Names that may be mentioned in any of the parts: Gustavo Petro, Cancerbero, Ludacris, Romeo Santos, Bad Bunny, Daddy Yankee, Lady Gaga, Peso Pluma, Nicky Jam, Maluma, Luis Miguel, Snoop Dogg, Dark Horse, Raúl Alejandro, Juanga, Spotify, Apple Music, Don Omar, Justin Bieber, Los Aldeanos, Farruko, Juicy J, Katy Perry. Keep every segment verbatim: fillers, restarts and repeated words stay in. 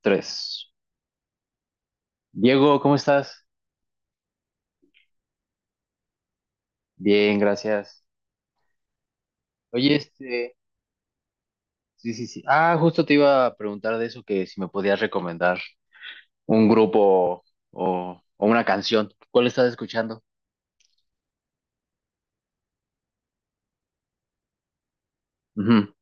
Tres. Diego, ¿cómo estás? Bien, gracias. Oye, este, sí, sí, sí. Ah, justo te iba a preguntar de eso, que si me podías recomendar un grupo o, o una canción. ¿Cuál estás escuchando? Ujú.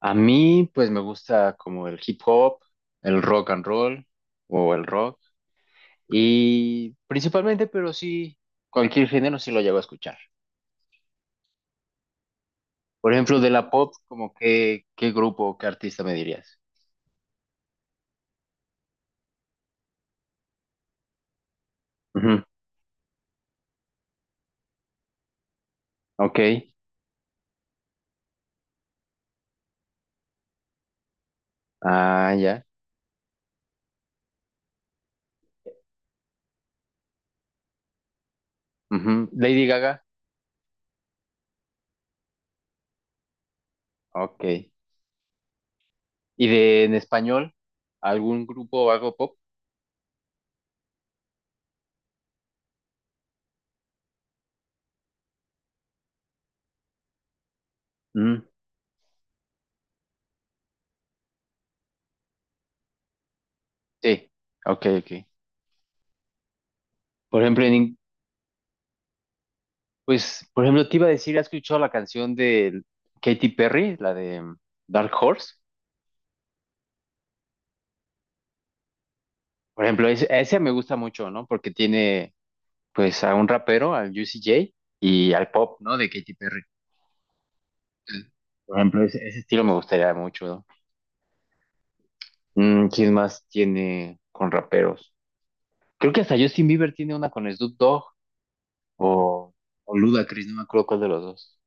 A mí, pues me gusta como el hip hop, el rock and roll o el rock. Y principalmente, pero sí, cualquier género sí lo llego a escuchar. Por ejemplo, de la pop, como qué, qué grupo, qué artista me dirías. Ujú. Ok. Ah, ya. Ujú. Lady Gaga, ok. ¿Y de en español? ¿Algún grupo o algo pop? Mm, Sí, ok, ok. Por ejemplo, en in- pues, por ejemplo, te iba a decir, ¿has escuchado la canción de Katy Perry, la de mm, Dark Horse? Por ejemplo, es- esa me gusta mucho, ¿no? Porque tiene, pues, a un rapero, al Juicy J, y al pop, ¿no? De Katy Perry. Sí. Por ejemplo, ese, ese estilo me gustaría mucho, ¿no? Mm, ¿quién más tiene con raperos? Creo que hasta Justin Bieber tiene una con Snoop Dogg. o, o Ludacris, no me acuerdo cuál de los dos.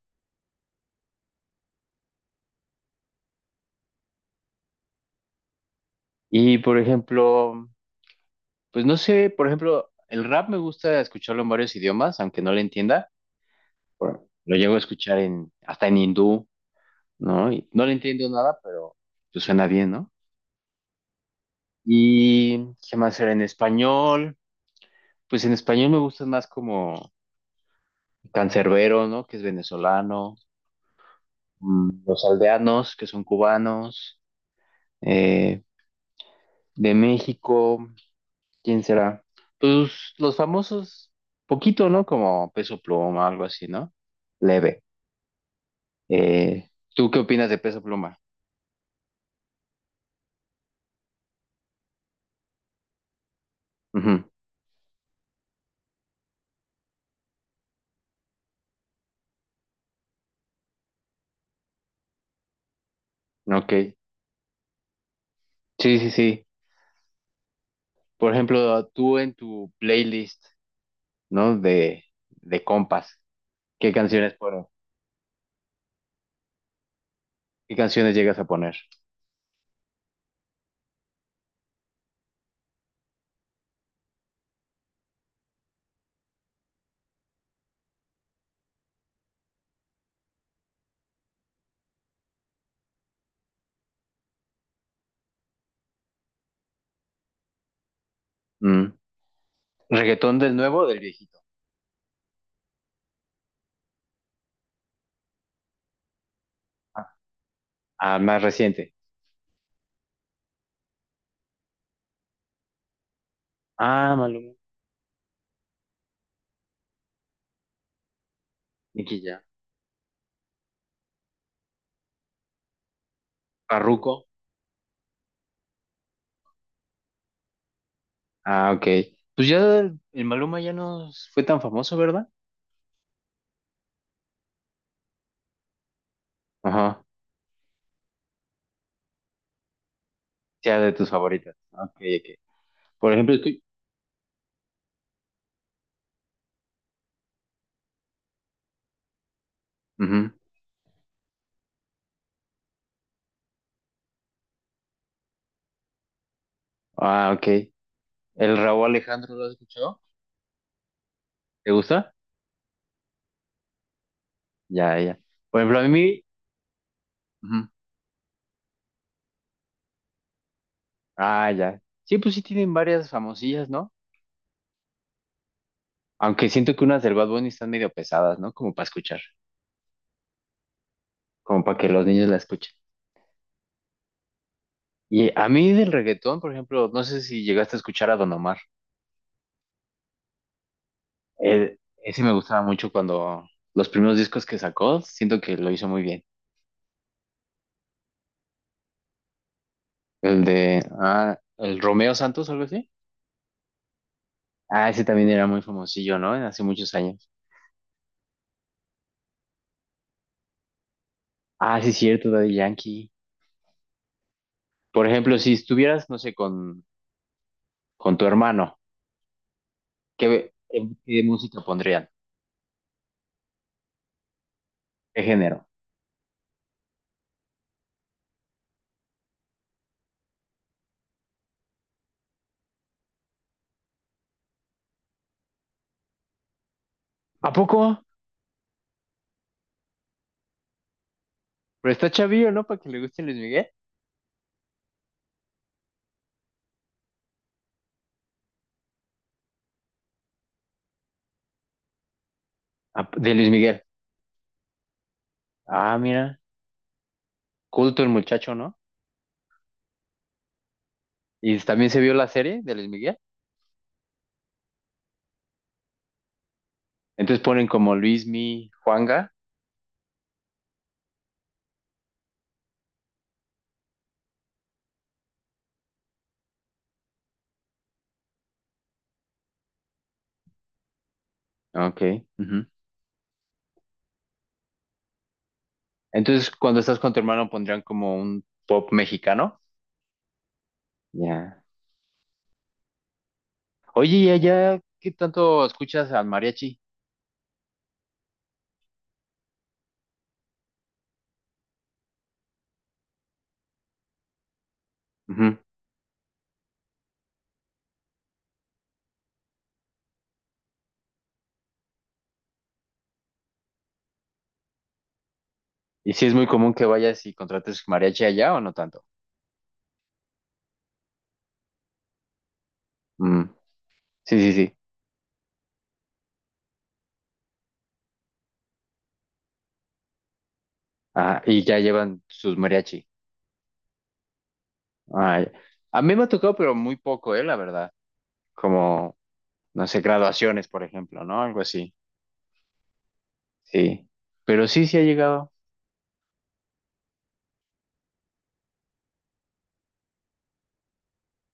Y por ejemplo, pues no sé, por ejemplo, el rap me gusta escucharlo en varios idiomas, aunque no le entienda. Bueno, lo llego a escuchar en, hasta en hindú, ¿no? Y no le entiendo nada, pero pues suena bien, ¿no? Y qué más era en español. Pues en español me gustan más como Cancerbero, ¿no? Que es venezolano, mm, Los Aldeanos, que son cubanos, eh, de México. ¿Quién será? Pues los famosos, poquito, ¿no? Como Peso Pluma, algo así, ¿no? Leve. Eh, ¿tú qué opinas de Peso Pluma? Ujú. Ok. Sí, sí, sí. Por ejemplo, tú en tu playlist, ¿no? De, de compas, ¿qué canciones pones? ¿Qué canciones llegas a poner? Mm. ¿Reggaetón del nuevo o del viejito? Ah, ah, más reciente. Ah, Maluma. Nicky Jam. Farruko. Ah, ok. Pues ya el, el Maluma ya no fue tan famoso, ¿verdad? Ajá, sea de tus favoritas. Ok, ok. Por ejemplo, estoy. Ujú. Ah, ok. ¿El Raúl Alejandro lo has escuchado? ¿Te gusta? Ya, ya. Por ejemplo, a mí. Ujú. Ah, ya. Sí, pues sí tienen varias famosillas, ¿no? Aunque siento que unas del Bad Bunny están medio pesadas, ¿no? Como para escuchar. Como para que los niños la escuchen. Y a mí del reggaetón, por ejemplo, no sé si llegaste a escuchar a Don Omar. El- ese me gustaba mucho cuando los primeros discos que sacó, siento que lo hizo muy bien. El de, ah, el Romeo Santos, algo así. Ah, ese también era muy famosillo, ¿no? Hace muchos años. Ah, sí, cierto, Daddy Yankee. Por ejemplo, si estuvieras, no sé, con, con tu hermano, ¿qué, qué- ¿qué música pondrían? ¿Qué género? ¿A poco? Pero está chavillo, ¿no? Para que le guste Luis Miguel. Ah, de Luis Miguel. Ah, mira, culto el muchacho, ¿no? Y también se vio la serie de Luis Miguel. Entonces ponen como Luismi, Juanga. Ok. Ujú. Entonces, cuando estás con tu hermano, pondrían como un pop mexicano. Ya. Oye, ¿y allá qué tanto escuchas al mariachi? Ujú. Y si es muy común que vayas y contrates mariachi allá o no tanto. Mm. Sí, sí, sí. Ah, y ya llevan sus mariachi. Ay. A mí me ha tocado, pero muy poco, eh, la verdad. Como, no sé, graduaciones, por ejemplo, ¿no? Algo así. Sí. Pero sí, sí ha llegado.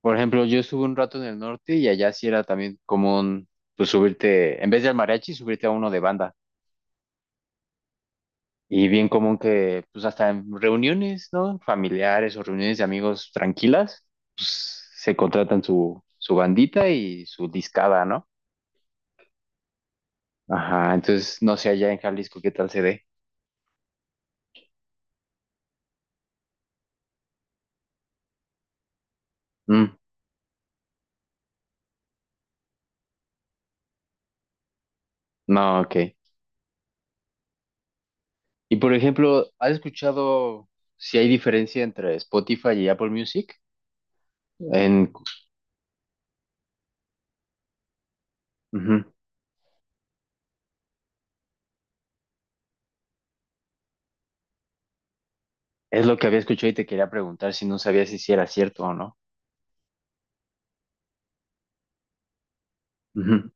Por ejemplo, yo estuve un rato en el norte y allá sí era también común, pues subirte, en vez del mariachi, subirte a uno de banda. Y bien común que, pues hasta en reuniones, ¿no? Familiares o reuniones de amigos tranquilas, pues se contratan su, su bandita y su discada, ¿no? Ajá, entonces no sé allá en Jalisco qué tal se dé. Mm, no, ok. Y por ejemplo, ¿has escuchado si hay diferencia entre Spotify y Apple Music? En, ujú. Es lo que había escuchado y te quería preguntar si no sabías si sí era cierto o no. Ujú.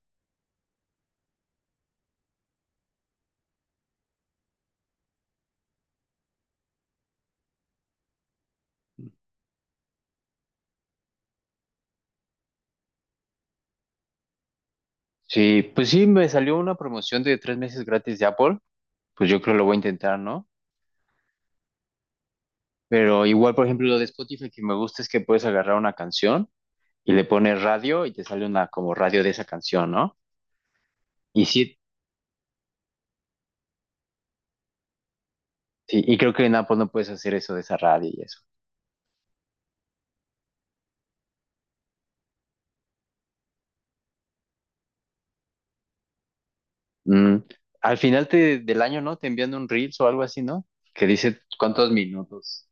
Sí, pues sí, me salió una promoción de tres meses gratis de Apple, pues yo creo lo voy a intentar, ¿no? Pero igual, por ejemplo, lo de Spotify que me gusta es que puedes agarrar una canción y le pones radio y te sale una como radio de esa canción, ¿no? Y sí, sí, y creo que en Apple no puedes hacer eso de esa radio y eso. Mm, Al final te- del año, ¿no? Te envían un Reels o algo así, ¿no? Que dice cuántos minutos.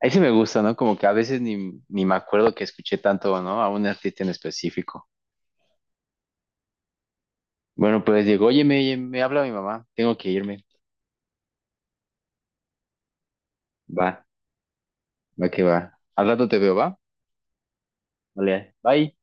Ahí sí me gusta, ¿no? Como que a veces ni, ni me acuerdo que escuché tanto, ¿no? A un artista en específico. Bueno, pues digo, oye, me, me habla mi mamá, tengo que irme. Va, va que va. Al rato te veo, ¿va? Vale, bye.